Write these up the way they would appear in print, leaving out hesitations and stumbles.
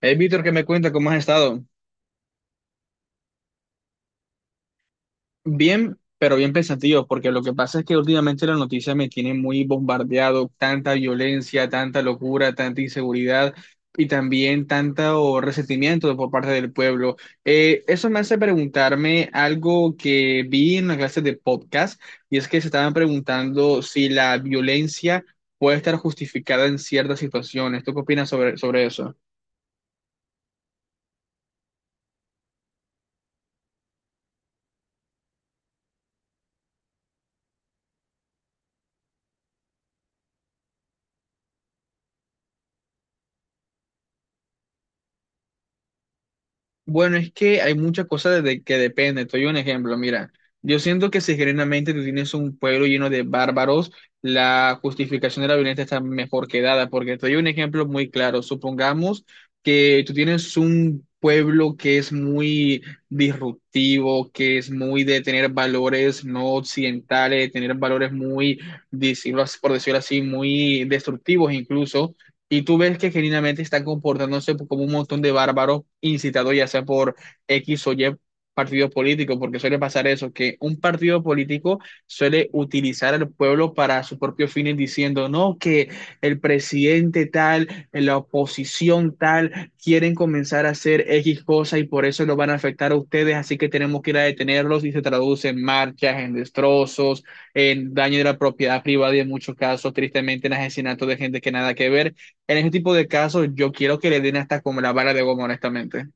Hey, Víctor, ¿qué me cuenta? ¿Cómo has estado? Bien, pero bien pensativo, porque lo que pasa es que últimamente la noticia me tiene muy bombardeado, tanta violencia, tanta locura, tanta inseguridad y también tanto resentimiento por parte del pueblo. Eso me hace preguntarme algo que vi en una clase de podcast, y es que se estaban preguntando si la violencia puede estar justificada en ciertas situaciones. ¿Tú qué opinas sobre eso? Bueno, es que hay muchas cosas de que depende. Te doy un ejemplo, mira. Yo siento que si genuinamente tú tienes un pueblo lleno de bárbaros, la justificación de la violencia está mejor que dada, porque te doy un ejemplo muy claro. Supongamos que tú tienes un pueblo que es muy disruptivo, que es muy de tener valores no occidentales, de tener valores muy, por decirlo así, muy destructivos incluso. Y tú ves que genuinamente están comportándose como un montón de bárbaros incitados ya sea por X o Y partido político, porque suele pasar eso, que un partido político suele utilizar al pueblo para sus propios fines diciendo, no, que el presidente tal, la oposición tal, quieren comenzar a hacer X cosa y por eso lo van a afectar a ustedes, así que tenemos que ir a detenerlos y se traduce en marchas, en destrozos, en daño de la propiedad privada y en muchos casos, tristemente, en asesinatos de gente que nada que ver. En ese tipo de casos, yo quiero que le den hasta como la vara de goma, honestamente.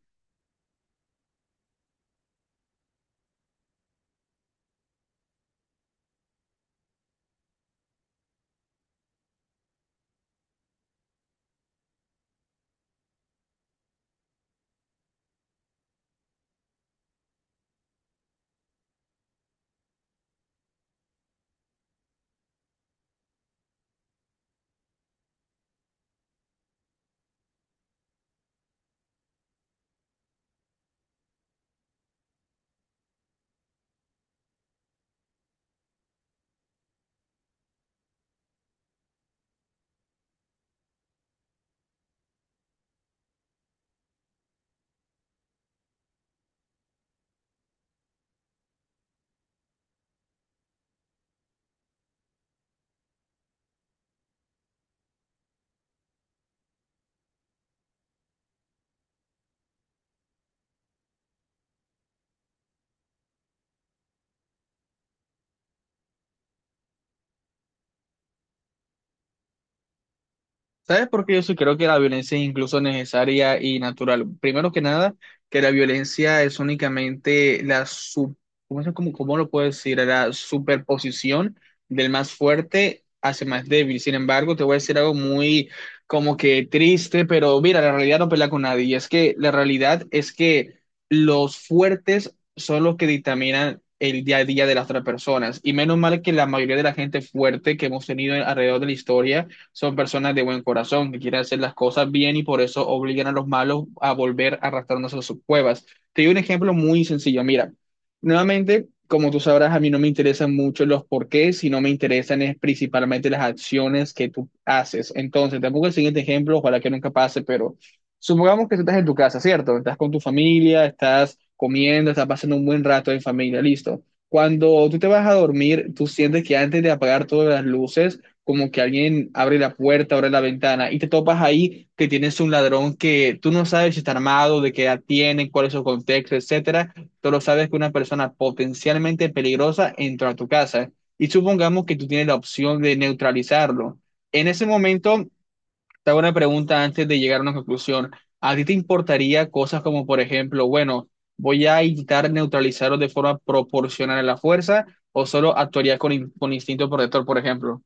¿Sabes por qué yo sí creo que la violencia es incluso necesaria y natural? Primero que nada, que la violencia es únicamente ¿cómo, cómo lo puedo decir? La superposición del más fuerte hacia el más débil. Sin embargo, te voy a decir algo muy como que triste, pero mira, la realidad no pelea con nadie. Y es que la realidad es que los fuertes son los que dictaminan el día a día de las otras personas. Y menos mal que la mayoría de la gente fuerte que hemos tenido alrededor de la historia son personas de buen corazón, que quieren hacer las cosas bien y por eso obligan a los malos a volver a arrastrarnos a sus cuevas. Te doy un ejemplo muy sencillo. Mira, nuevamente, como tú sabrás, a mí no me interesan mucho los porqués, sino me interesan es principalmente las acciones que tú haces. Entonces, tampoco el siguiente ejemplo, ojalá que nunca pase, pero supongamos que tú estás en tu casa, ¿cierto? Estás con tu familia, estás comiendo, estás pasando un buen rato en familia, listo. Cuando tú te vas a dormir, tú sientes que antes de apagar todas las luces, como que alguien abre la puerta, abre la ventana y te topas ahí que tienes un ladrón que tú no sabes si está armado, de qué edad tiene, cuál es su contexto, etcétera. Solo sabes que una persona potencialmente peligrosa entró a tu casa y supongamos que tú tienes la opción de neutralizarlo. En ese momento, te hago una pregunta antes de llegar a una conclusión. ¿A ti te importaría cosas como, por ejemplo, bueno, voy a intentar neutralizarlo de forma proporcional a la fuerza o solo actuarías con, con instinto protector, por ejemplo?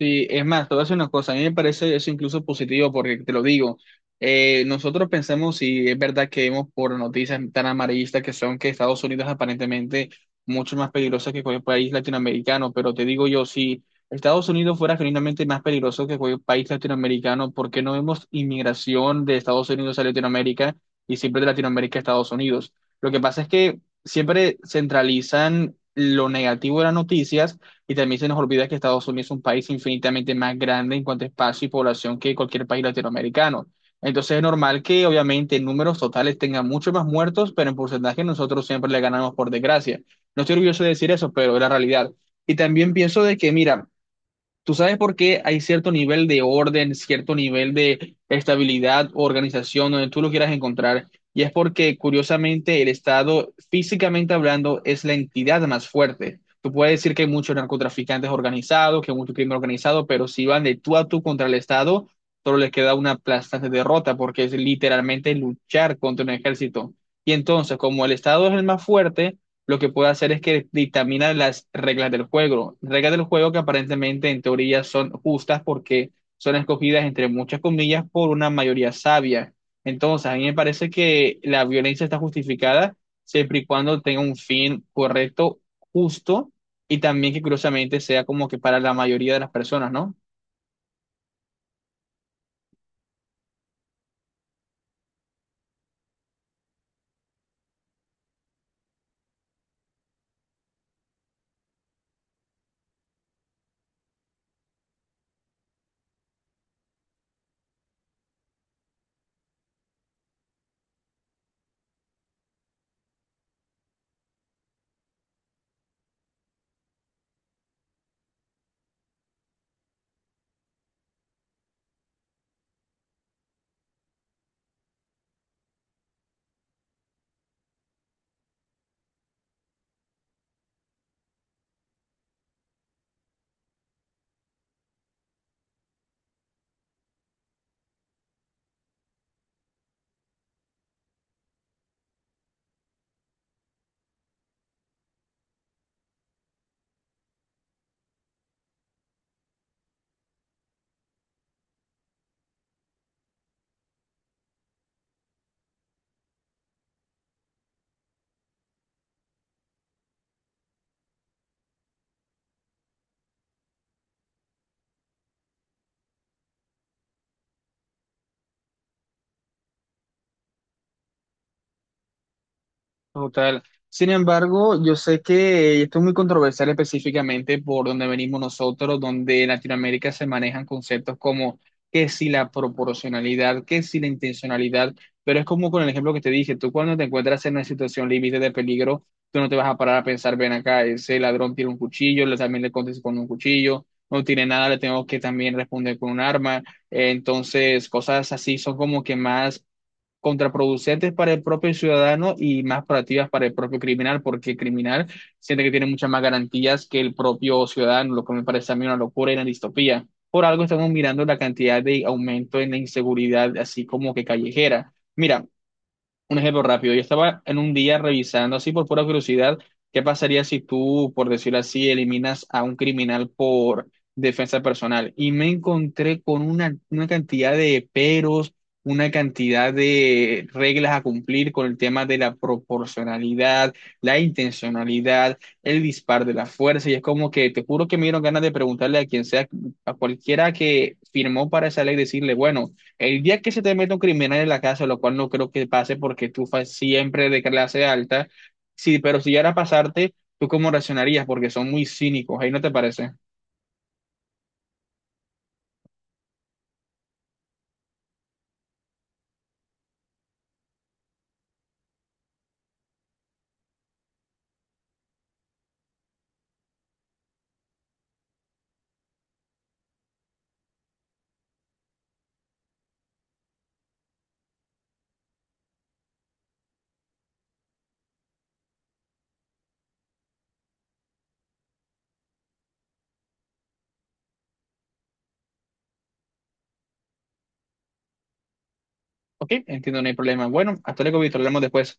Sí, es más, te voy a decir una cosa, a mí me parece eso incluso positivo porque te lo digo, nosotros pensamos si es verdad que vemos por noticias tan amarillistas que son que Estados Unidos es aparentemente mucho más peligroso que cualquier país latinoamericano, pero te digo yo, si Estados Unidos fuera genuinamente más peligroso que cualquier país latinoamericano, ¿por qué no vemos inmigración de Estados Unidos a Latinoamérica y siempre de Latinoamérica a Estados Unidos? Lo que pasa es que siempre centralizan lo negativo de las noticias y también se nos olvida que Estados Unidos es un país infinitamente más grande en cuanto a espacio y población que cualquier país latinoamericano. Entonces es normal que obviamente en números totales tengan muchos más muertos, pero en porcentaje nosotros siempre le ganamos por desgracia. No estoy orgulloso de decir eso, pero es la realidad. Y también pienso de que, mira, ¿tú sabes por qué hay cierto nivel de orden, cierto nivel de estabilidad, organización, donde tú lo quieras encontrar? Y es porque, curiosamente, el Estado, físicamente hablando, es la entidad más fuerte. Tú puedes decir que hay muchos narcotraficantes organizados, que hay mucho crimen organizado, pero si van de tú a tú contra el Estado, solo les queda una aplastante derrota, porque es literalmente luchar contra un ejército. Y entonces, como el Estado es el más fuerte, lo que puede hacer es que dictamina las reglas del juego que aparentemente en teoría son justas porque son escogidas entre muchas comillas por una mayoría sabia. Entonces, a mí me parece que la violencia está justificada siempre y cuando tenga un fin correcto, justo y también que curiosamente sea como que para la mayoría de las personas, ¿no? Total. Sin embargo, yo sé que esto es muy controversial específicamente por donde venimos nosotros, donde en Latinoamérica se manejan conceptos como que si la proporcionalidad, que si la intencionalidad, pero es como con el ejemplo que te dije, tú cuando te encuentras en una situación límite de peligro, tú no te vas a parar a pensar, ven acá, ese ladrón tiene un cuchillo, le también le contesto con un cuchillo, no tiene nada, le tengo que también responder con un arma. Entonces, cosas así son como que más contraproducentes para el propio ciudadano y más proactivas para el propio criminal, porque el criminal siente que tiene muchas más garantías que el propio ciudadano, lo que me parece a mí una locura y una distopía. Por algo estamos mirando la cantidad de aumento en la inseguridad, así como que callejera. Mira, un ejemplo rápido, yo estaba en un día revisando así por pura curiosidad, ¿qué pasaría si tú, por decirlo así, eliminas a un criminal por defensa personal? Y me encontré con una cantidad de peros, una cantidad de reglas a cumplir con el tema de la proporcionalidad, la intencionalidad, el dispar de la fuerza, y es como que te juro que me dieron ganas de preguntarle a quien sea, a cualquiera que firmó para esa ley, decirle, bueno. El día que se te mete un criminal en la casa, lo cual no creo que pase porque tú fas siempre de clase alta, sí, pero si llegara a pasarte, ¿tú cómo reaccionarías? Porque son muy cínicos, ahí no te parece. Ok, entiendo, no hay problema. Bueno, hasta luego, Víctor, hablamos después.